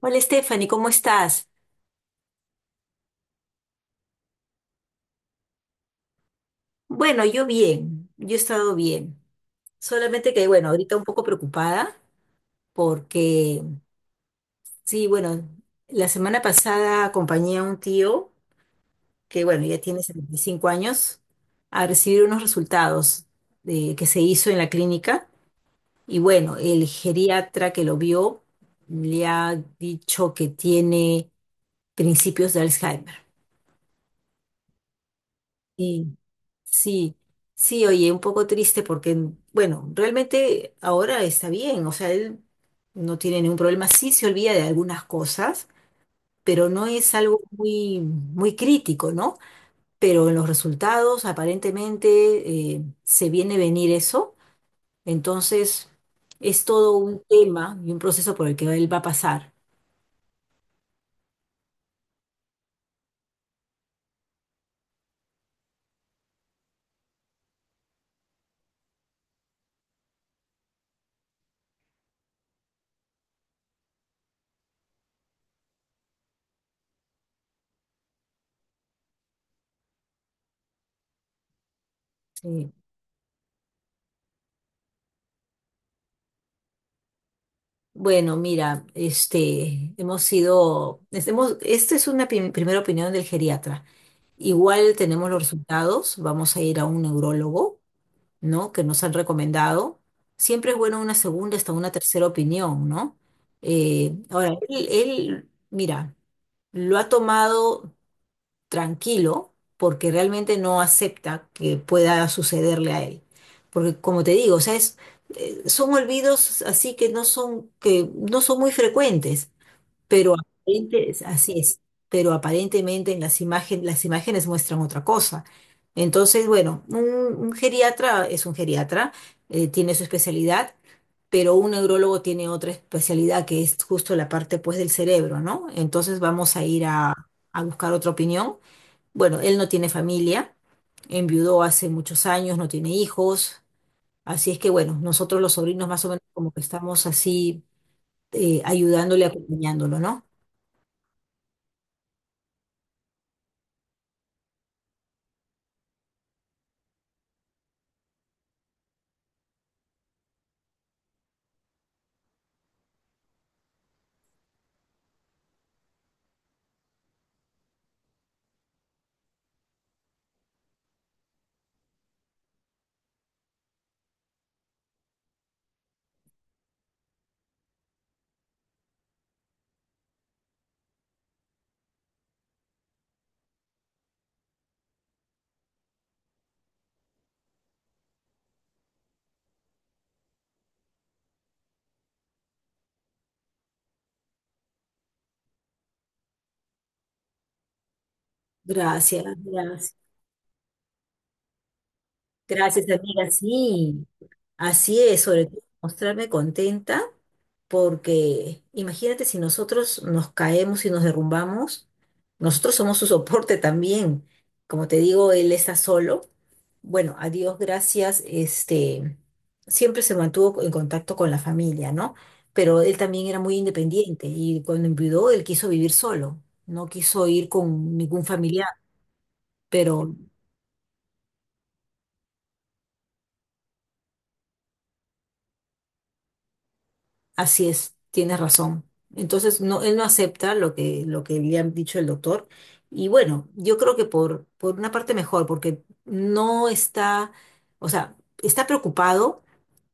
Hola Stephanie, ¿cómo estás? Bueno, yo bien, yo he estado bien. Solamente que, bueno, ahorita un poco preocupada porque, sí, bueno, la semana pasada acompañé a un tío que, bueno, ya tiene 75 años a recibir unos resultados de, que se hizo en la clínica y, bueno, el geriatra que lo vio le ha dicho que tiene principios de Alzheimer. Sí, sí, sí, oye, un poco triste porque, bueno, realmente ahora está bien, o sea, él no tiene ningún problema, sí se olvida de algunas cosas, pero no es algo muy crítico, ¿no? Pero en los resultados aparentemente se viene venir eso, entonces es todo un tema y un proceso por el que él va a pasar. Sí. Bueno, mira, este, esta es una primera opinión del geriatra. Igual tenemos los resultados, vamos a ir a un neurólogo, ¿no? Que nos han recomendado. Siempre es bueno una segunda hasta una tercera opinión, ¿no? Ahora, mira, lo ha tomado tranquilo porque realmente no acepta que pueda sucederle a él. Porque como te digo, o sea, son olvidos así que no son muy frecuentes pero así es, pero aparentemente en las imágenes muestran otra cosa. Entonces, bueno, un geriatra es un geriatra, tiene su especialidad, pero un neurólogo tiene otra especialidad que es justo la parte pues del cerebro, ¿no? Entonces vamos a ir a buscar otra opinión. Bueno, él no tiene familia, enviudó hace muchos años, no tiene hijos, así es que bueno, nosotros los sobrinos más o menos como que estamos así ayudándole, acompañándolo, ¿no? Gracias, gracias. Gracias, amiga. Sí, así es, sobre todo mostrarme contenta, porque imagínate si nosotros nos caemos y nos derrumbamos, nosotros somos su soporte también. Como te digo, él está solo. Bueno, a Dios gracias, este, siempre se mantuvo en contacto con la familia, ¿no? Pero él también era muy independiente y cuando enviudó, él quiso vivir solo, no quiso ir con ningún familiar, pero así es, tienes razón. Entonces, no, él no acepta lo que le han dicho el doctor. Y bueno, yo creo que por una parte mejor, porque no está, o sea, está preocupado,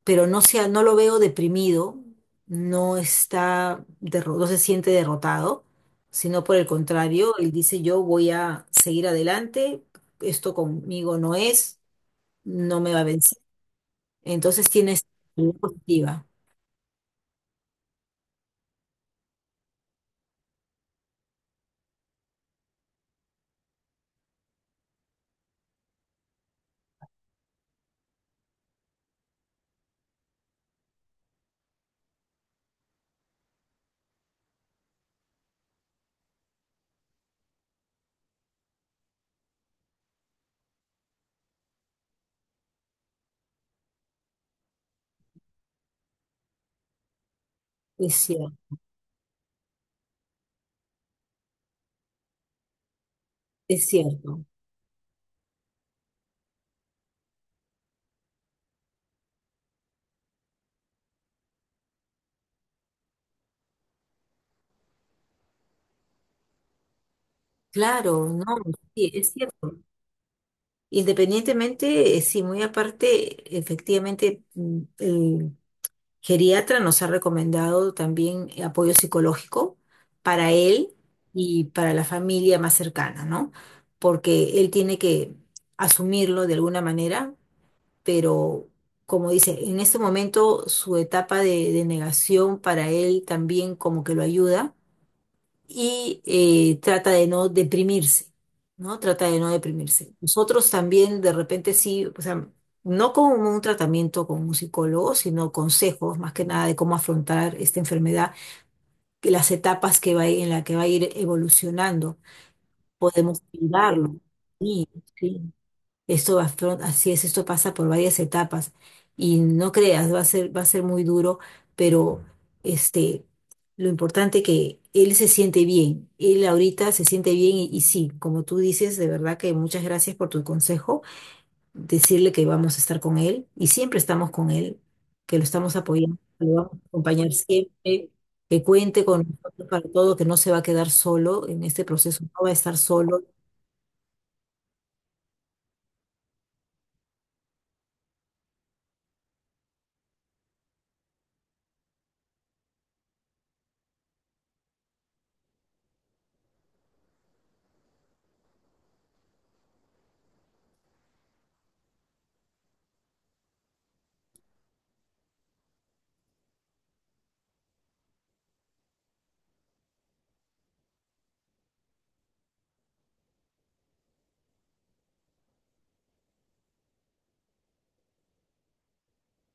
pero no sea, no lo veo deprimido, no está, no se siente derrotado, sino por el contrario, él dice, yo voy a seguir adelante, esto conmigo no es, no me va a vencer. Entonces tienes actitud positiva. Es cierto, es cierto. Claro, no, sí, es cierto. Independientemente, sí, muy aparte, efectivamente, el geriatra nos ha recomendado también apoyo psicológico para él y para la familia más cercana, ¿no? Porque él tiene que asumirlo de alguna manera, pero como dice, en este momento su etapa de negación para él también como que lo ayuda y trata de no deprimirse, ¿no? Trata de no deprimirse. Nosotros también de repente sí, o sea, no con un tratamiento con un psicólogo, sino consejos más que nada de cómo afrontar esta enfermedad, que las etapas que va a ir- en la que va a ir evolucionando, podemos ayudarlo. Sí, sí. Así es, esto pasa por varias etapas y no creas, va a ser muy duro, pero este, lo importante que él se siente bien, él ahorita se siente bien y sí, como tú dices, de verdad que muchas gracias por tu consejo, decirle que vamos a estar con él y siempre estamos con él, que lo estamos apoyando, que lo vamos a acompañar siempre, que cuente con nosotros para todo, que no se va a quedar solo en este proceso, no va a estar solo.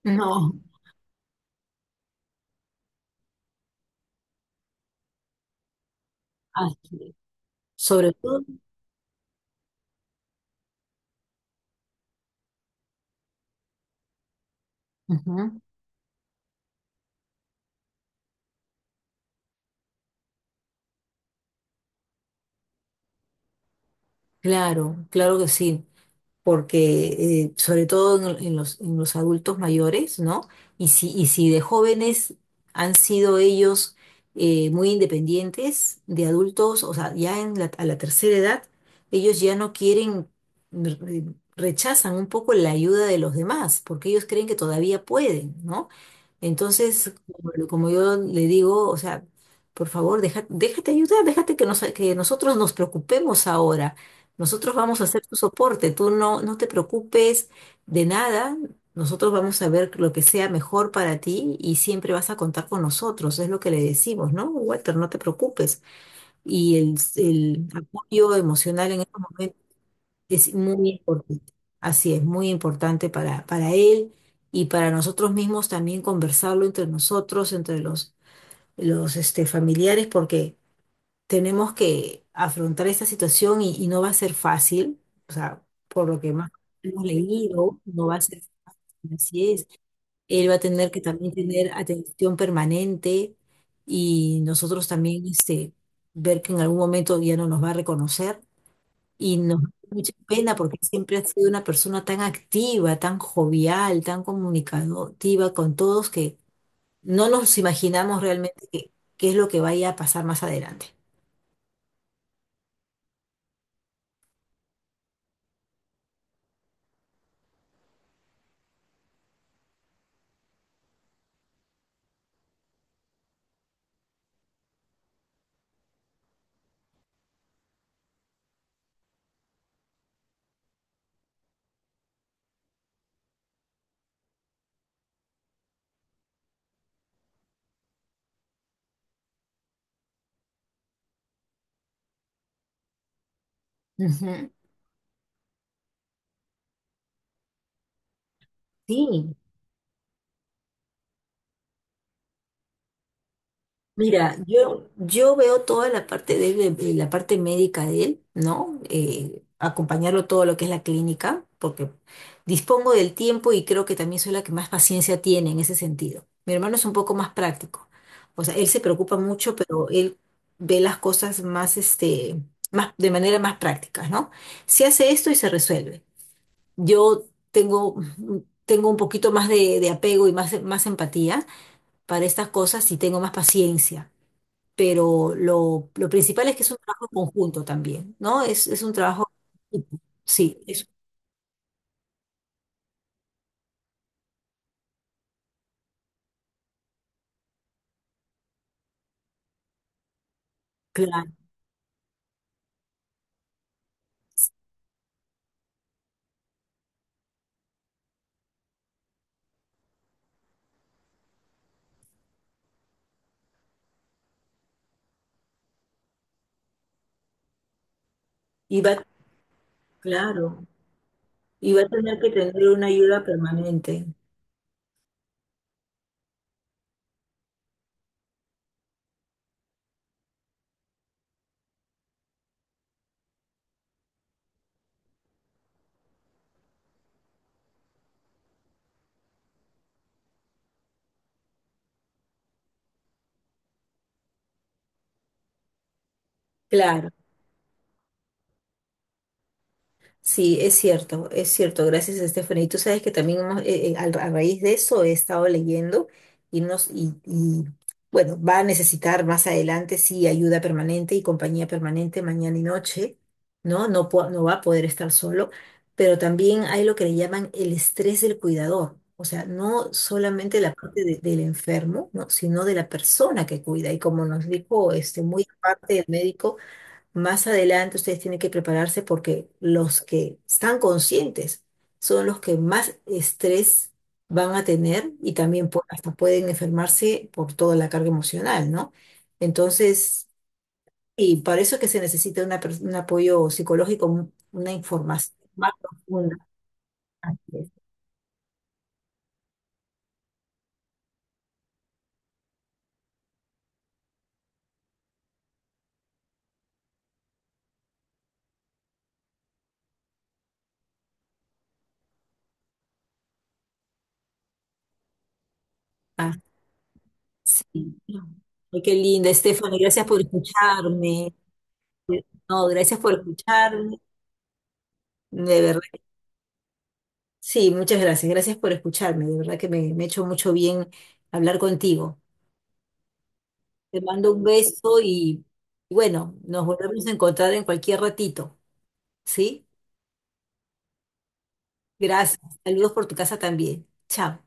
No, así es. Sobre todo ujú. Claro, claro que sí. Porque sobre todo en los adultos mayores, ¿no? Y si de jóvenes han sido ellos muy independientes, de adultos, o sea, ya en a la tercera edad, ellos ya no quieren, re- rechazan un poco la ayuda de los demás, porque ellos creen que todavía pueden, ¿no? Entonces, como, como yo le digo, o sea, por favor, déjate ayudar, déjate que, que nosotros nos preocupemos ahora. Nosotros vamos a hacer tu soporte, tú no, no te preocupes de nada, nosotros vamos a ver lo que sea mejor para ti y siempre vas a contar con nosotros, es lo que le decimos, ¿no? Walter, no te preocupes. Y el apoyo emocional en estos momentos es muy importante, así es, muy importante para él y para nosotros mismos también conversarlo entre nosotros, entre los, familiares, porque tenemos que afrontar esta situación y no va a ser fácil, o sea, por lo que más hemos leído, no va a ser fácil, así es. Él va a tener que también tener atención permanente y nosotros también este, ver que en algún momento ya no nos va a reconocer y nos da mucha pena porque siempre ha sido una persona tan activa, tan jovial, tan comunicativa con todos que no nos imaginamos realmente qué es lo que vaya a pasar más adelante. Ujú. Sí, mira, yo veo toda la parte de él, de la parte médica de él, ¿no? Acompañarlo todo lo que es la clínica, porque dispongo del tiempo y creo que también soy la que más paciencia tiene en ese sentido. Mi hermano es un poco más práctico. O sea, él se preocupa mucho, pero él ve las cosas más, este, más, de manera más práctica, ¿no? Se hace esto y se resuelve. Yo tengo, tengo un poquito más de apego y más, más empatía para estas cosas sí tengo más paciencia, pero lo principal es que es un trabajo en conjunto también, ¿no? Es un trabajo, en equipo. Sí, es claro, y va, claro, y va a tener que tener una ayuda permanente, claro. Sí, es cierto, es cierto. Gracias, Estefany. Y tú sabes que también a raíz de eso he estado leyendo y, bueno, va a necesitar más adelante, sí, ayuda permanente y compañía permanente mañana y noche, ¿no? No, no va a poder estar solo, pero también hay lo que le llaman el estrés del cuidador. O sea, no solamente la parte del enfermo, ¿no? Sino de la persona que cuida. Y como nos dijo este, muy aparte el médico, más adelante ustedes tienen que prepararse porque los que están conscientes son los que más estrés van a tener y también hasta pueden enfermarse por toda la carga emocional, ¿no? Entonces, y para eso es que se necesita una un apoyo psicológico, una información más profunda. Así es. Ah, sí. Ay, qué linda, Estefany, gracias por escucharme. No, gracias por escucharme. De verdad. Sí, muchas gracias. Gracias por escucharme. De verdad que me ha hecho mucho bien hablar contigo. Te mando un beso y bueno, nos volvemos a encontrar en cualquier ratito. ¿Sí? Gracias. Saludos por tu casa también. Chao.